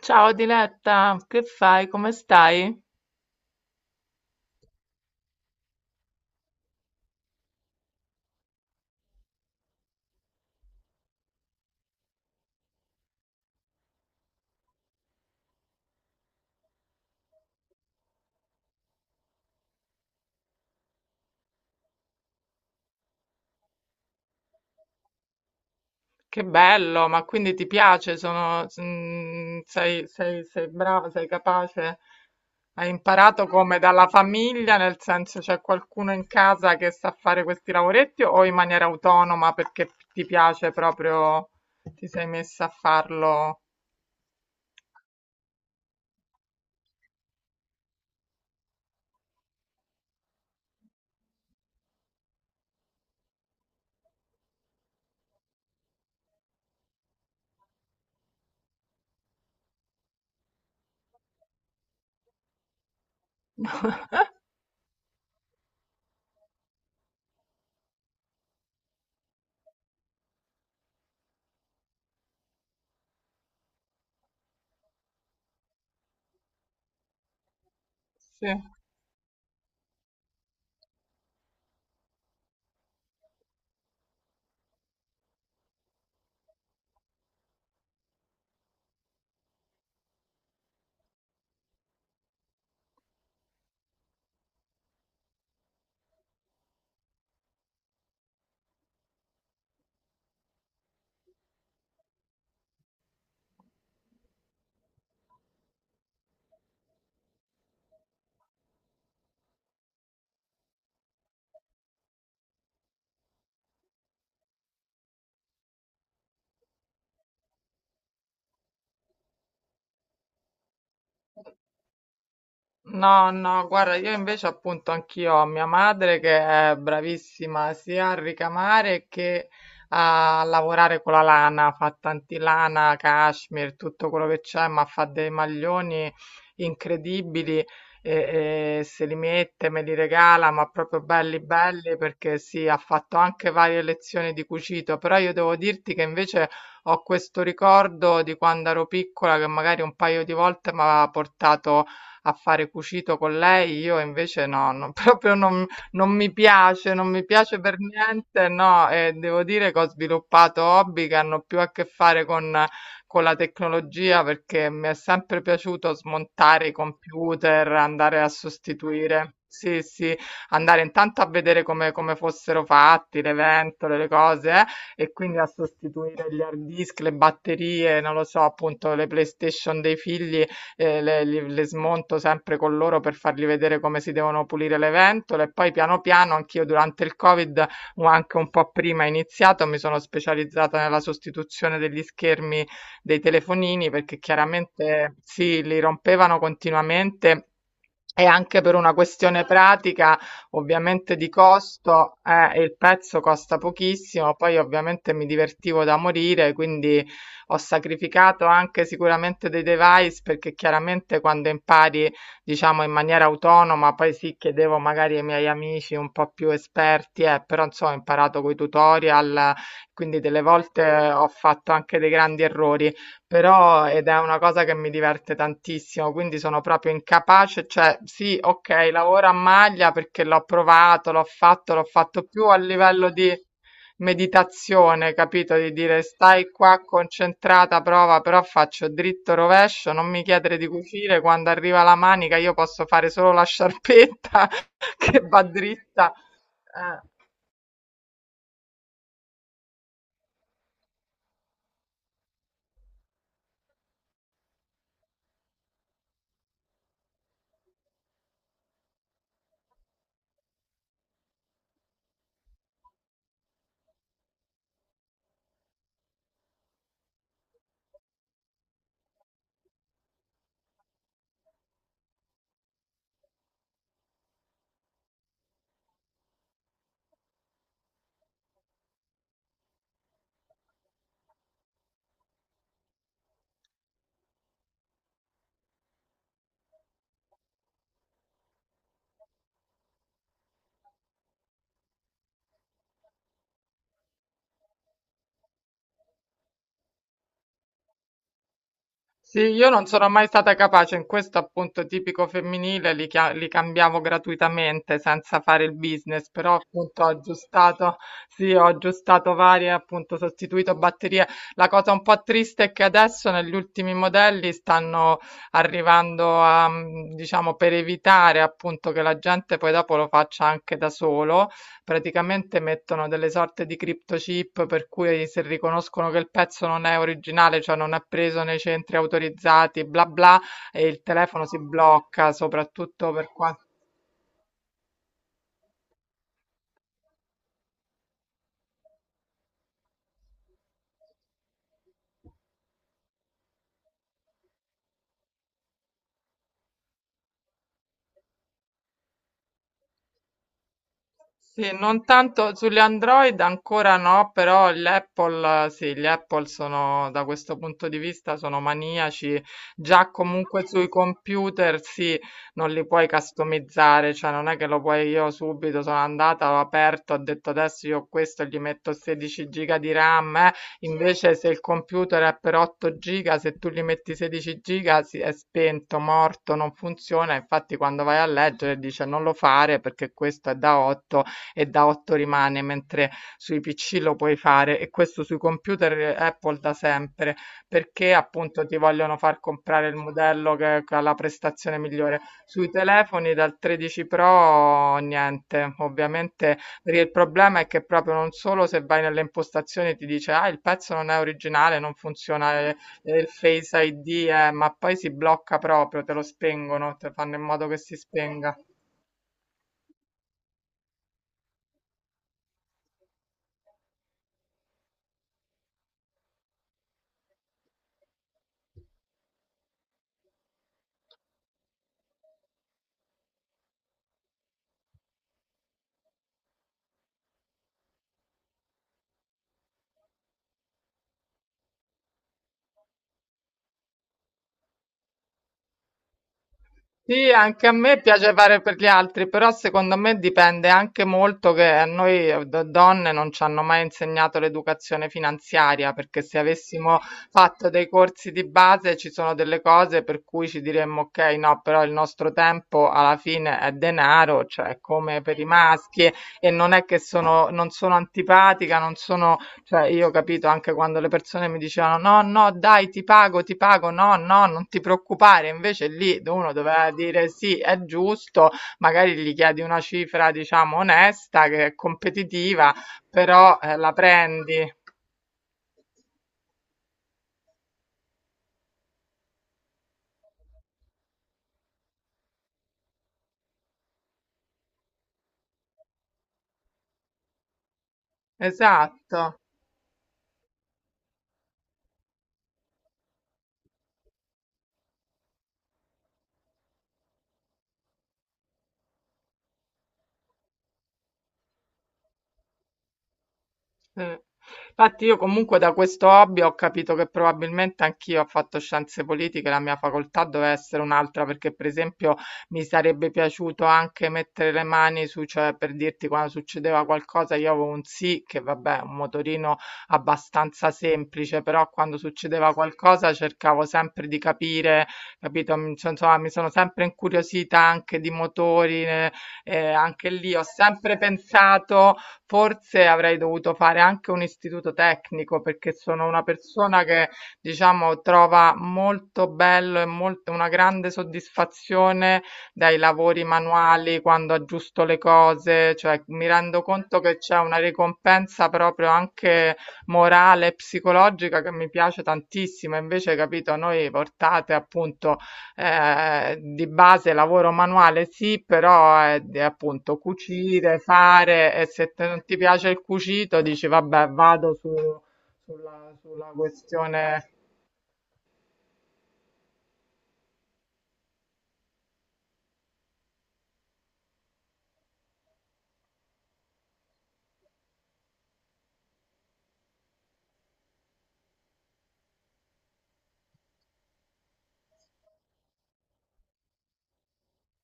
Ciao Diletta, che fai? Come stai? Che bello, ma quindi ti piace? Sono, sei, sei brava, sei capace? Hai imparato come dalla famiglia, nel senso c'è qualcuno in casa che sa fare questi lavoretti o in maniera autonoma perché ti piace proprio, ti sei messa a farlo? Sì. No, no, guarda, io invece appunto anch'io ho mia madre che è bravissima sia a ricamare che a lavorare con la lana, fa tanti lana, cashmere, tutto quello che c'è, ma fa dei maglioni incredibili e se li mette, me li regala, ma proprio belli belli perché sì, ha fatto anche varie lezioni di cucito, però io devo dirti che invece ho questo ricordo di quando ero piccola che magari un paio di volte mi aveva portato a fare cucito con lei, io invece no, no, proprio non, non mi piace, non mi piace per niente, no, e devo dire che ho sviluppato hobby che hanno più a che fare con la tecnologia perché mi è sempre piaciuto smontare i computer, andare a sostituire. Sì, sì, andare intanto a vedere come, come fossero fatti le ventole, le cose, e quindi a sostituire gli hard disk, le batterie, non lo so, appunto le PlayStation dei figli le, le smonto sempre con loro per fargli vedere come si devono pulire le ventole e poi piano piano anch'io durante il Covid o anche un po' prima iniziato mi sono specializzata nella sostituzione degli schermi dei telefonini perché chiaramente sì, li rompevano continuamente. E anche per una questione pratica, ovviamente di costo, il pezzo costa pochissimo, poi ovviamente mi divertivo da morire, quindi ho sacrificato anche sicuramente dei device perché chiaramente quando impari, diciamo, in maniera autonoma, poi sì, chiedevo magari ai miei amici un po' più esperti, però insomma ho imparato con i tutorial, quindi delle volte ho fatto anche dei grandi errori, però ed è una cosa che mi diverte tantissimo, quindi sono proprio incapace, cioè sì, ok, lavoro a maglia perché l'ho provato, l'ho fatto più a livello di meditazione, capito? Di dire stai qua concentrata, prova, però faccio dritto rovescio, non mi chiedere di cucire, quando arriva la manica io posso fare solo la sciarpetta che va dritta. Sì, io non sono mai stata capace, in questo appunto tipico femminile li, li cambiavo gratuitamente senza fare il business, però appunto ho aggiustato, sì, ho aggiustato varie, appunto sostituito batterie. La cosa un po' triste è che adesso negli ultimi modelli stanno arrivando a, diciamo, per evitare appunto che la gente poi dopo lo faccia anche da solo, praticamente mettono delle sorte di CryptoChip per cui se riconoscono che il pezzo non è originale, cioè non è preso nei centri autorizzati, bla bla, e il telefono si blocca, soprattutto per quanto. Sì, non tanto sugli Android ancora no, però gli Apple, sì, gli Apple sono da questo punto di vista sono maniaci. Già comunque sui computer sì, non li puoi customizzare, cioè non è che lo puoi io subito sono andata, l'ho aperto, ho detto adesso io questo gli metto 16 giga di RAM, eh. Invece se il computer è per 8 giga, se tu gli metti 16 giga è spento, morto, non funziona. Infatti quando vai a leggere dice non lo fare perché questo è da 8 e da 8 rimane, mentre sui PC lo puoi fare e questo sui computer Apple da sempre, perché appunto ti vogliono far comprare il modello che ha la prestazione migliore. Sui telefoni dal 13 Pro niente, ovviamente perché il problema è che proprio non solo se vai nelle impostazioni ti dice ah il pezzo non è originale, non funziona il Face ID, ma poi si blocca proprio, te lo spengono, te fanno in modo che si spenga. Sì, anche a me piace fare per gli altri, però secondo me dipende anche molto che a noi donne non ci hanno mai insegnato l'educazione finanziaria, perché se avessimo fatto dei corsi di base ci sono delle cose per cui ci diremmo ok, no, però il nostro tempo alla fine è denaro, cioè come per i maschi e non è che sono, non sono antipatica, non sono cioè, io ho capito anche quando le persone mi dicevano: No, no, dai, ti pago, no, no, non ti preoccupare. Invece lì uno doveva dire: Sì, è giusto, magari gli chiedi una cifra, diciamo, onesta, che è competitiva, però la prendi. Esatto. Sì. Infatti io comunque da questo hobby ho capito che probabilmente anch'io ho fatto scienze politiche, la mia facoltà doveva essere un'altra perché per esempio mi sarebbe piaciuto anche mettere le mani su, cioè per dirti quando succedeva qualcosa io avevo un sì che vabbè, è un motorino abbastanza semplice, però quando succedeva qualcosa cercavo sempre di capire, capito? Cioè, insomma, mi sono sempre incuriosita anche di motori, anche lì ho sempre pensato forse avrei dovuto fare anche un istituto tecnico, perché sono una persona che, diciamo, trova molto bello e molt una grande soddisfazione dai lavori manuali, quando aggiusto le cose, cioè mi rendo conto che c'è una ricompensa proprio anche morale e psicologica che mi piace tantissimo. Invece, capito, noi portate appunto. Di base lavoro manuale sì, però è appunto cucire, fare e se non ti piace il cucito dici vabbè vado su, sulla, sulla questione.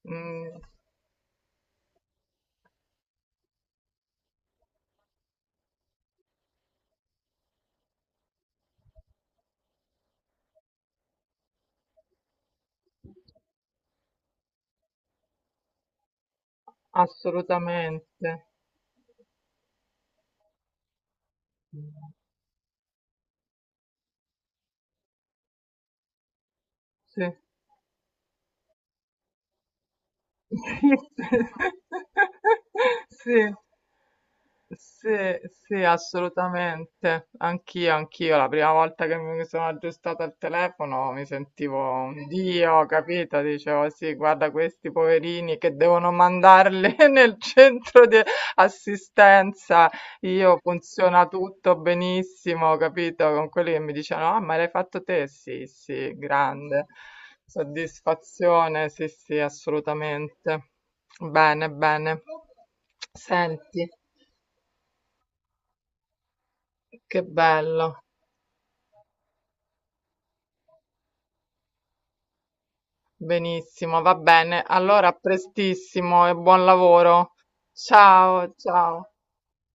Mm, assolutamente. Sì. Sì. Sì, sì, assolutamente. Anch'io, anch'io. La prima volta che mi sono aggiustata al telefono mi sentivo un dio, capito? Dicevo, sì, guarda questi poverini che devono mandarli nel centro di assistenza, io funziona tutto benissimo, capito? Con quelli che mi dicevano, ah, ma l'hai fatto te? Sì, sì, grande soddisfazione, sì, sì, assolutamente. Bene, bene. Senti, che bello, benissimo, va bene. Allora, a prestissimo e buon lavoro. Ciao, ciao.